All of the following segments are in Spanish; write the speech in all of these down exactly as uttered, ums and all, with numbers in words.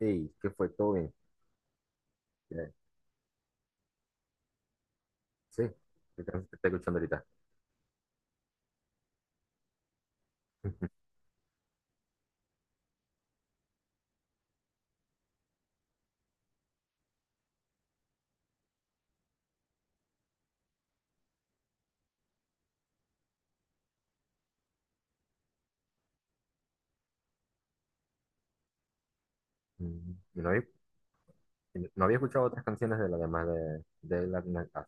Sí, que fue todo bien. Eh, Sí, qué canción que estoy escuchando ahorita. Mm, y No había, y no había escuchado otras canciones de la demás de, de la Nas X.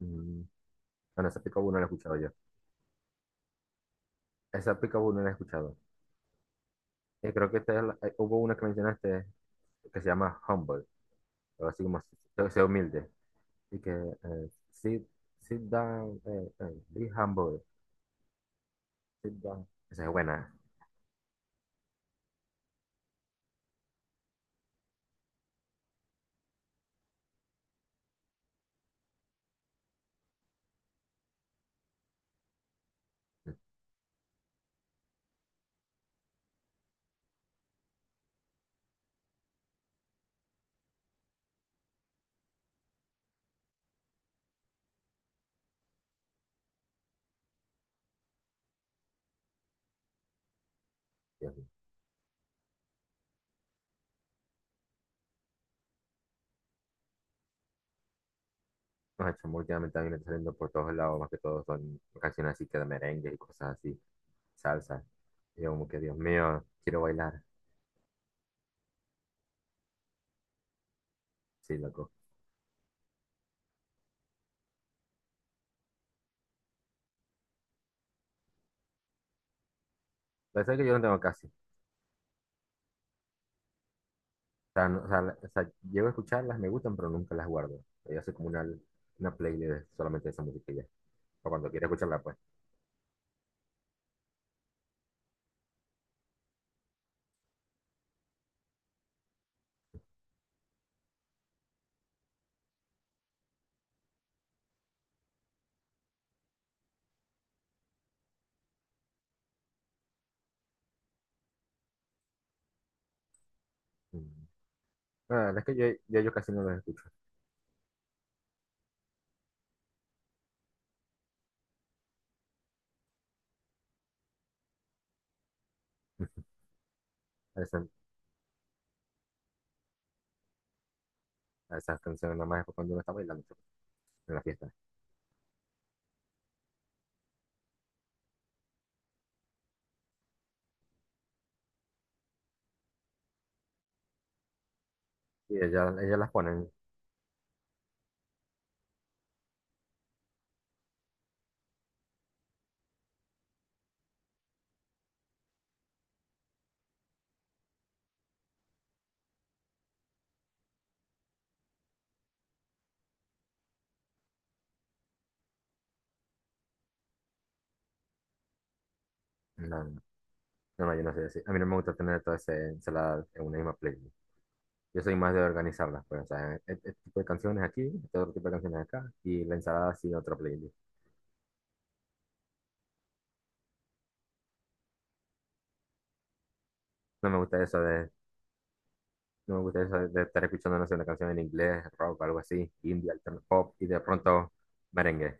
Mm, Bueno, esa Pica no la he escuchado yo. Esa Pica no la he escuchado. Y creo que esta es la- eh, hubo una que mencionaste que se llama Humble, o así como se- sea humilde. Y que eh, sit, sit down, eh, eh, be humble, sit down. Esa es buena. Dios mío. Los hechos últimamente también me están saliendo por todos lados, más que todo son canciones así que de merengue y cosas así. Salsa. Y yo como que, Dios mío, quiero bailar. Sí, loco. Pero es que yo no tengo casi. O sea, no- o sea, la- o sea, llego a escucharlas, me gustan, pero nunca las guardo. Yo soy como una, una playlist de- solamente de esa música y ya. O cuando quiero escucharla, pues. Mm. No, la verdad es que yo, yo, yo casi no las escucho. A esas, a esas canciones nada más es cuando uno está bailando pues, en la fiesta. Y ellas, ellas las ponen. No, no, no, yo no sé decir. A mí no me gusta tener toda esa ensalada en una misma playlist. Yo soy más de organizarlas, pues, o sea, este, este tipo de canciones aquí, este otro tipo de canciones acá, y la ensalada sí, otra playlist. No me gusta eso de, No me gusta eso de, de estar escuchando, no sé, una canción en inglés, rock, algo así, indie, alterno pop, y de pronto merengue.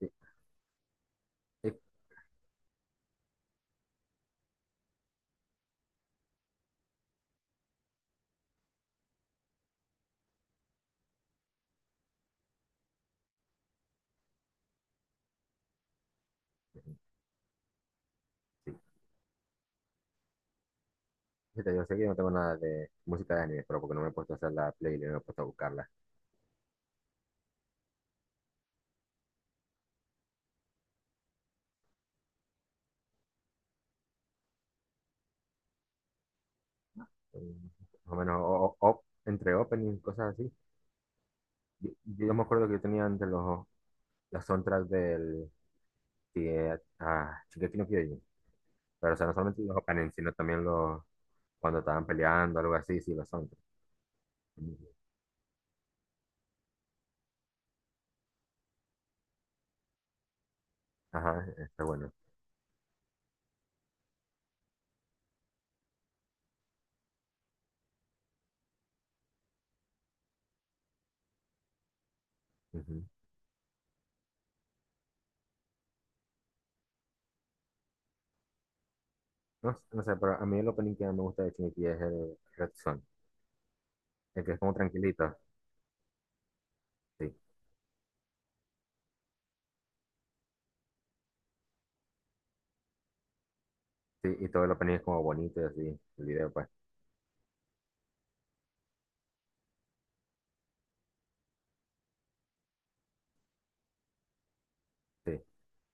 Sí, sí, sí. Fíjate, yo sé que yo no tengo nada de música de anime, pero porque no me he puesto a hacer la playlist, no me he puesto a buscarla. Mm, más o menos, o- o- o- entre opening, cosas así. Yo, yo me acuerdo que yo tenía entre los, las soundtracks del, de, ah, Shingeki no Kyojin. Pero, o sea, no solamente los openings, sino también los cuando estaban peleando, algo así, sí, lo son. Ajá, está bueno. Ujú. No, no sé, pero a mí el opening que más me gusta de Shingeki es el Red Son, el que es como tranquilito, sí, sí, y todo el opening es como bonito y así, el video, pues, sí.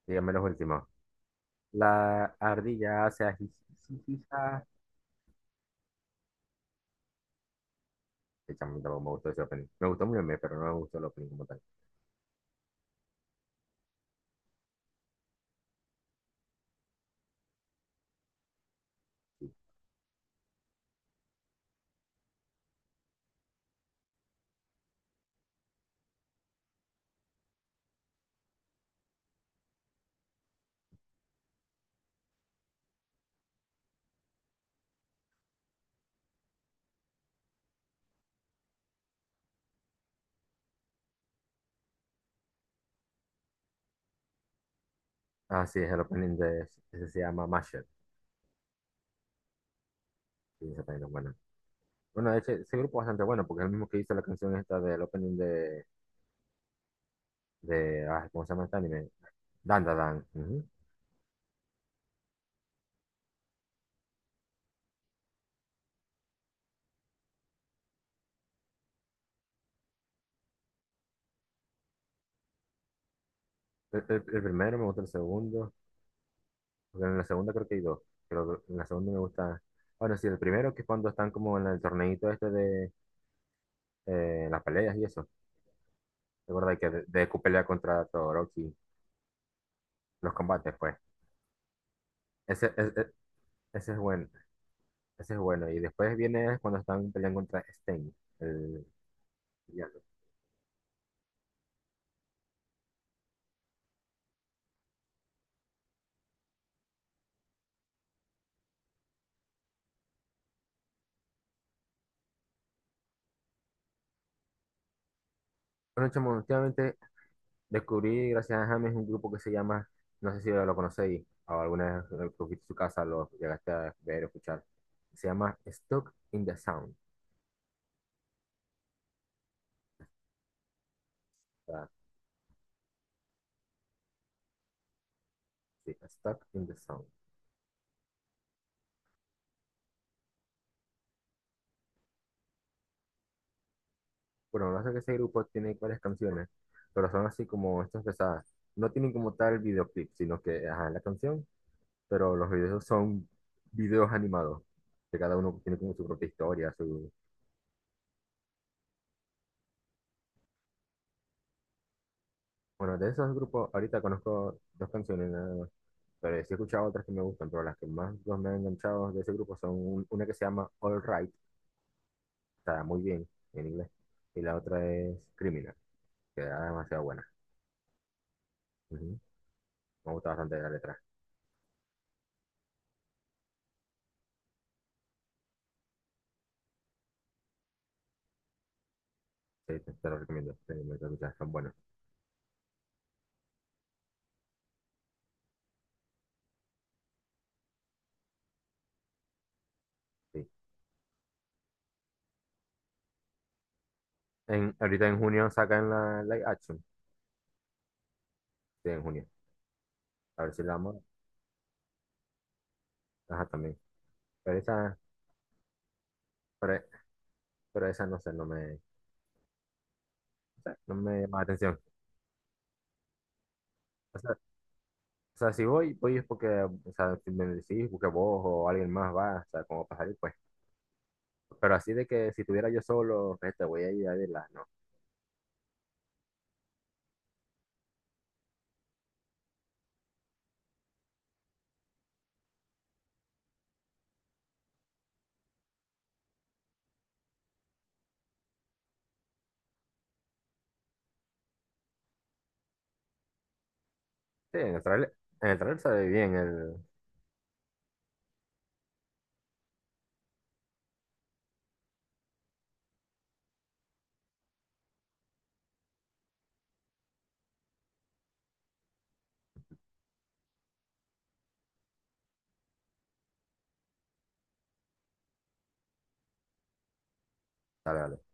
Dígame los últimos. La ardilla se ajijijija. Sí, chamo, me gustó ese opening. Me gustó muy bien, pero no me gustó el opening como tal. Ah, sí, es el opening de, ese se llama Masher, sí, ese opening es bueno. Bueno, de hecho, ese grupo es bastante bueno porque es el mismo que hizo la canción esta del opening de, de ah, ¿cómo se llama este anime? Dandadan. Ujú. El, el- el primero me gusta el segundo, porque en la segunda creo que hay dos, pero en la segunda me gusta, bueno, sí, el primero que es cuando están como en el torneito este de eh, las peleas y eso, ¿te acuerdas? Que de, de Deku pelea contra Todoroki, los combates, pues. Ese, es- es- Ese, es bueno, ese es bueno. Y después viene cuando están peleando contra Stain, el villano. Bueno, chamo, últimamente descubrí, gracias a James, un grupo que se llama, no sé si lo conocéis o alguna vez eh, que fuiste su casa lo llegaste a ver o escuchar. Se llama Stuck in the Sound. o sea, sí, Stuck in the Sound. Bueno, lo que pasa es que ese grupo tiene varias canciones, pero son así como estas pesadas. No tienen como tal videoclip, sino que, ajá, la canción, pero los videos son videos animados, que cada uno tiene como su propia historia, su... Bueno, de esos grupos, ahorita conozco dos canciones, nada. Pero sí he escuchado otras que me gustan, pero las que más los me han enganchado de ese grupo son un- una que se llama All Right, está muy bien en inglés, y la otra es Criminal, que era demasiado buena. Ujú. Me gusta bastante la letra, sí, te, te lo recomiendo, te lo recomiendo escuchar, son buenos. Sí. En, ahorita en junio sacan la live action, sí, en junio, a ver si la vamos, a- ajá, también. Pero esa, pero, pero esa no sé, no me, o sea, no me llama la atención. O sea, o sea, si voy, voy es porque, o sea, si me decís, porque vos o alguien más va, o sea, como para salir, pues. Pero así de que si tuviera yo solo, este, voy a ir a verla, no. Sí, en el trailer, en el trailer se ve bien el... Dale, dale.